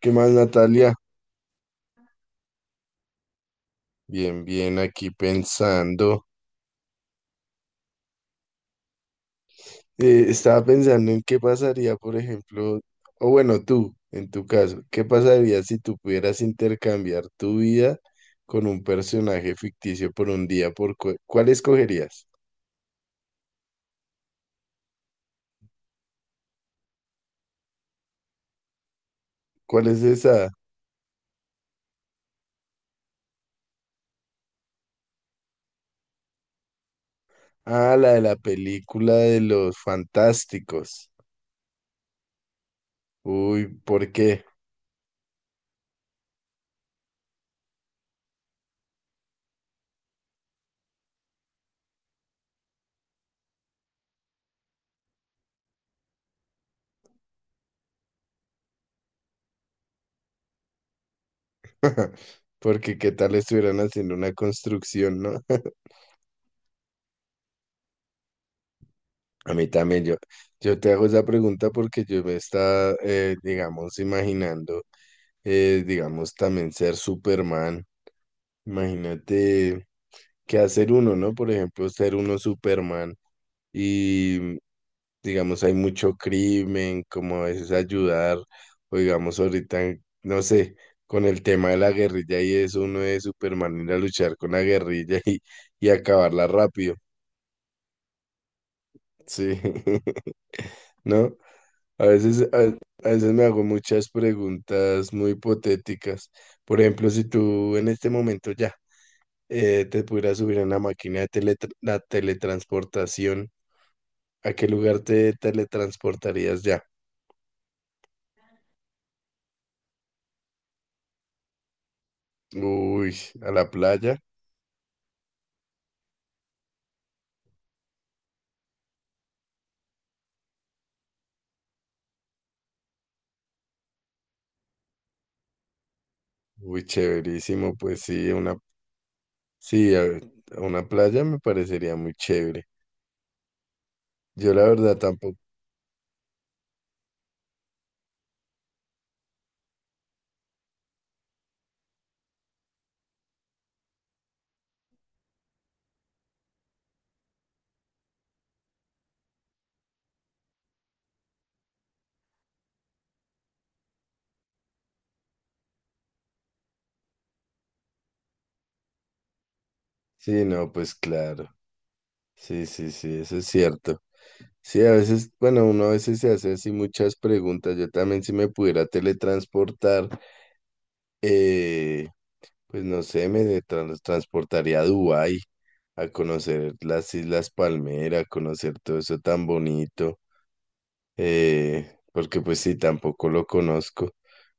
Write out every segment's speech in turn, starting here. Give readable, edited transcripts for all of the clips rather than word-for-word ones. ¿Qué más, Natalia? Bien, bien, aquí pensando. Estaba pensando en qué pasaría, por ejemplo, o bueno, tú, en tu caso, ¿qué pasaría si tú pudieras intercambiar tu vida con un personaje ficticio por un día? ¿Por cuál escogerías? ¿Cuál es esa? Ah, la de la película de los fantásticos. Uy, ¿por qué? Porque qué tal estuvieran haciendo una construcción, ¿no? A mí también, yo te hago esa pregunta porque yo me estaba, digamos, imaginando, digamos, también ser Superman. Imagínate qué hacer uno, ¿no? Por ejemplo, ser uno Superman y, digamos, hay mucho crimen, como a veces ayudar, o digamos, ahorita, no sé, con el tema de la guerrilla y eso, uno es Superman ir a luchar con la guerrilla y acabarla rápido. Sí. ¿No? A veces, a veces me hago muchas preguntas muy hipotéticas. Por ejemplo, si tú en este momento ya te pudieras subir a una máquina de la teletransportación, ¿a qué lugar te teletransportarías ya? Uy, a la playa. Uy, chéverísimo. Pues sí, sí, a una playa me parecería muy chévere. Yo la verdad tampoco. Sí, no, pues claro. Sí, sí, sí, eso es cierto. Sí, a veces, bueno, uno a veces se hace así muchas preguntas. Yo también si me pudiera teletransportar, eh, pues no sé, transportaría a Dubái, a conocer las Islas Palmera, a conocer todo eso tan bonito, porque pues sí, tampoco lo conozco.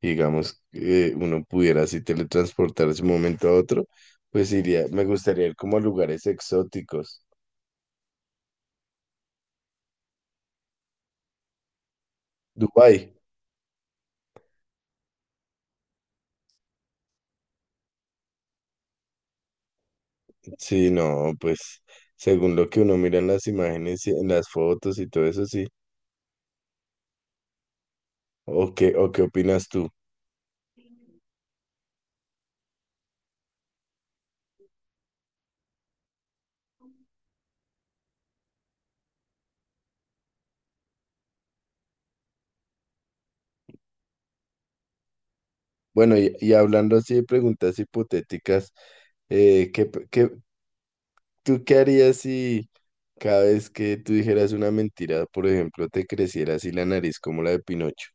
Digamos, uno pudiera así teletransportarse de un momento a otro, pues iría, me gustaría ir como a lugares exóticos. Dubái. Sí, no, pues según lo que uno mira en las imágenes y en las fotos y todo eso, sí. O qué opinas tú? Bueno, y hablando así de preguntas hipotéticas, eh, ¿qué, p- qué- tú qué harías si cada vez que tú dijeras una mentira, por ejemplo, te creciera así la nariz como la de Pinocho?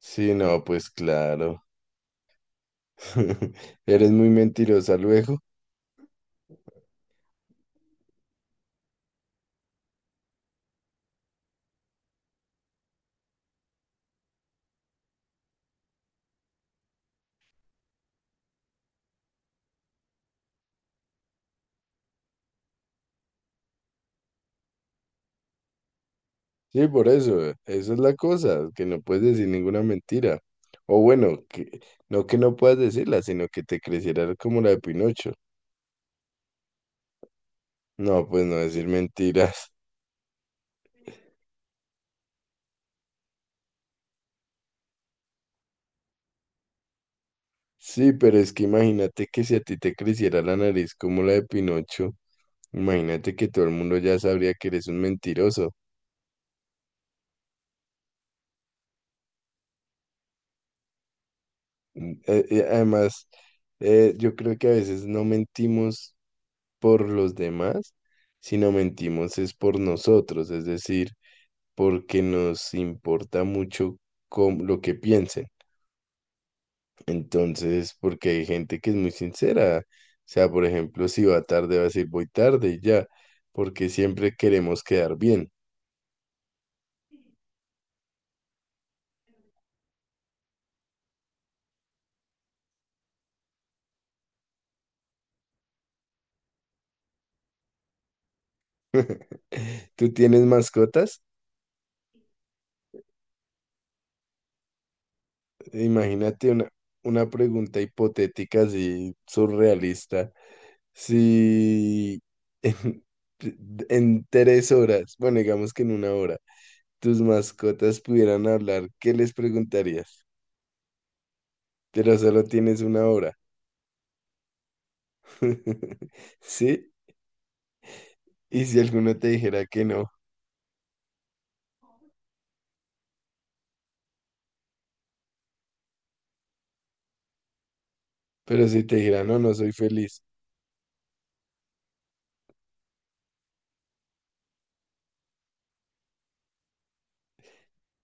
Sí, no, pues claro. Eres muy mentirosa luego. Sí, por eso, eso es la cosa, que no puedes decir ninguna mentira. O bueno, no que no puedas decirla, sino que te creciera como la de Pinocho. No, pues no decir mentiras. Sí, pero es que imagínate que si a ti te creciera la nariz como la de Pinocho, imagínate que todo el mundo ya sabría que eres un mentiroso. Además, yo creo que a veces no mentimos por los demás, sino mentimos es por nosotros, es decir porque nos importa mucho lo que piensen. Entonces, porque hay gente que es muy sincera. O sea, por ejemplo, si va tarde, va a decir voy tarde y ya, porque siempre queremos quedar bien. ¿Tú tienes mascotas? Imagínate una pregunta hipotética así surrealista. Si en, en 3 horas, bueno, digamos que en una hora, tus mascotas pudieran hablar, ¿qué les preguntarías? Pero solo tienes una hora. ¿Sí? Y si alguno te dijera que no, pero si te dijera no, no soy feliz.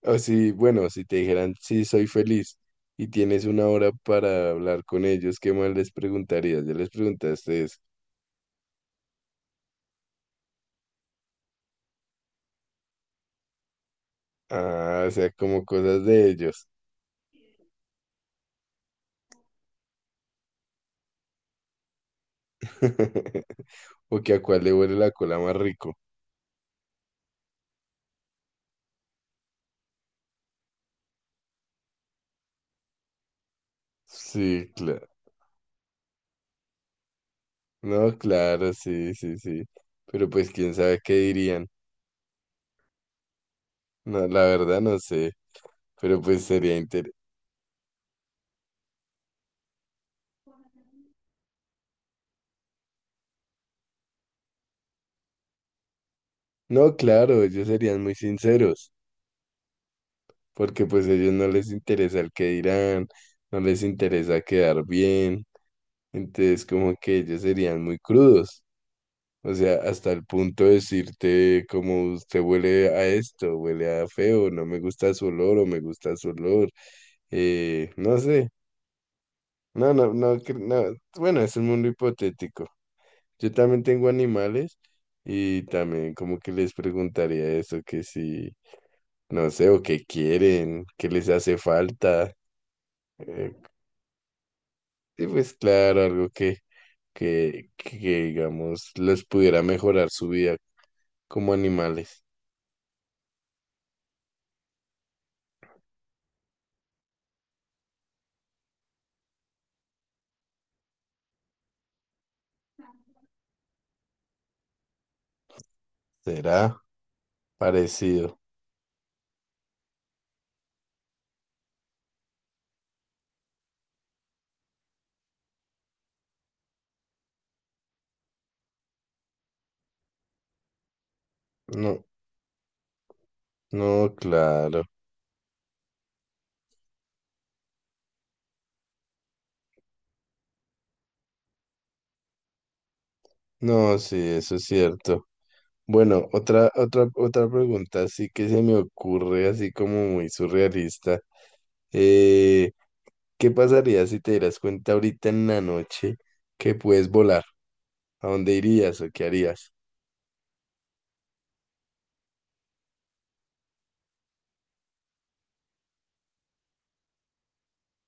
O si, bueno, si te dijeran sí, soy feliz y tienes una hora para hablar con ellos, ¿qué más les preguntarías? Ya les preguntaste eso. Ah, o sea, como cosas de ellos. O que a cuál le huele la cola más rico. Sí, claro. No, claro, sí, sí, sí. Pero pues quién sabe qué dirían. No, la verdad no sé. Pero pues sería inter... No, claro, ellos serían muy sinceros, porque pues ellos no les interesa el que dirán, no les interesa quedar bien, entonces como que ellos serían muy crudos. O sea, hasta el punto de decirte como usted huele a esto, huele a feo, no me gusta su olor o me gusta su olor. No sé, no, no, no, no. Bueno, es un mundo hipotético. Yo también tengo animales y también como que les preguntaría eso, que si, no sé, o qué quieren, qué les hace falta. eh, y pues claro, algo que digamos les pudiera mejorar su vida como animales. ¿Será? Parecido. No, no, claro. No, sí, eso es cierto. Bueno, otra pregunta sí que se me ocurre así como muy surrealista. Eh, ¿Qué pasaría si te dieras cuenta ahorita en la noche que puedes volar? ¿A dónde irías o qué harías?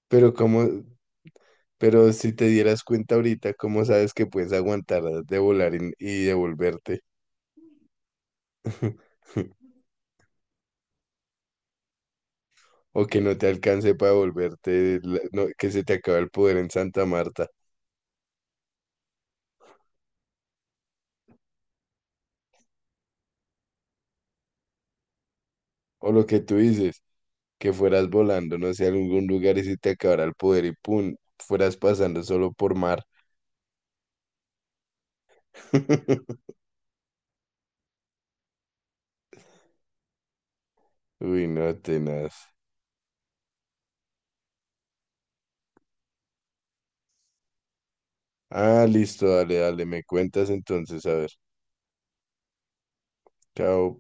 Pero cómo, pero si te dieras cuenta ahorita, ¿cómo sabes que puedes aguantar de volar y devolverte? O que no te alcance para devolverte, no, que se te acaba el poder en Santa Marta. O lo que tú dices, que fueras volando, no sé, a algún lugar y se te acabara el poder y pum, fueras pasando solo por mar. Uy, no, tenaz. Ah, listo, dale, dale, me cuentas entonces, a ver. Chao.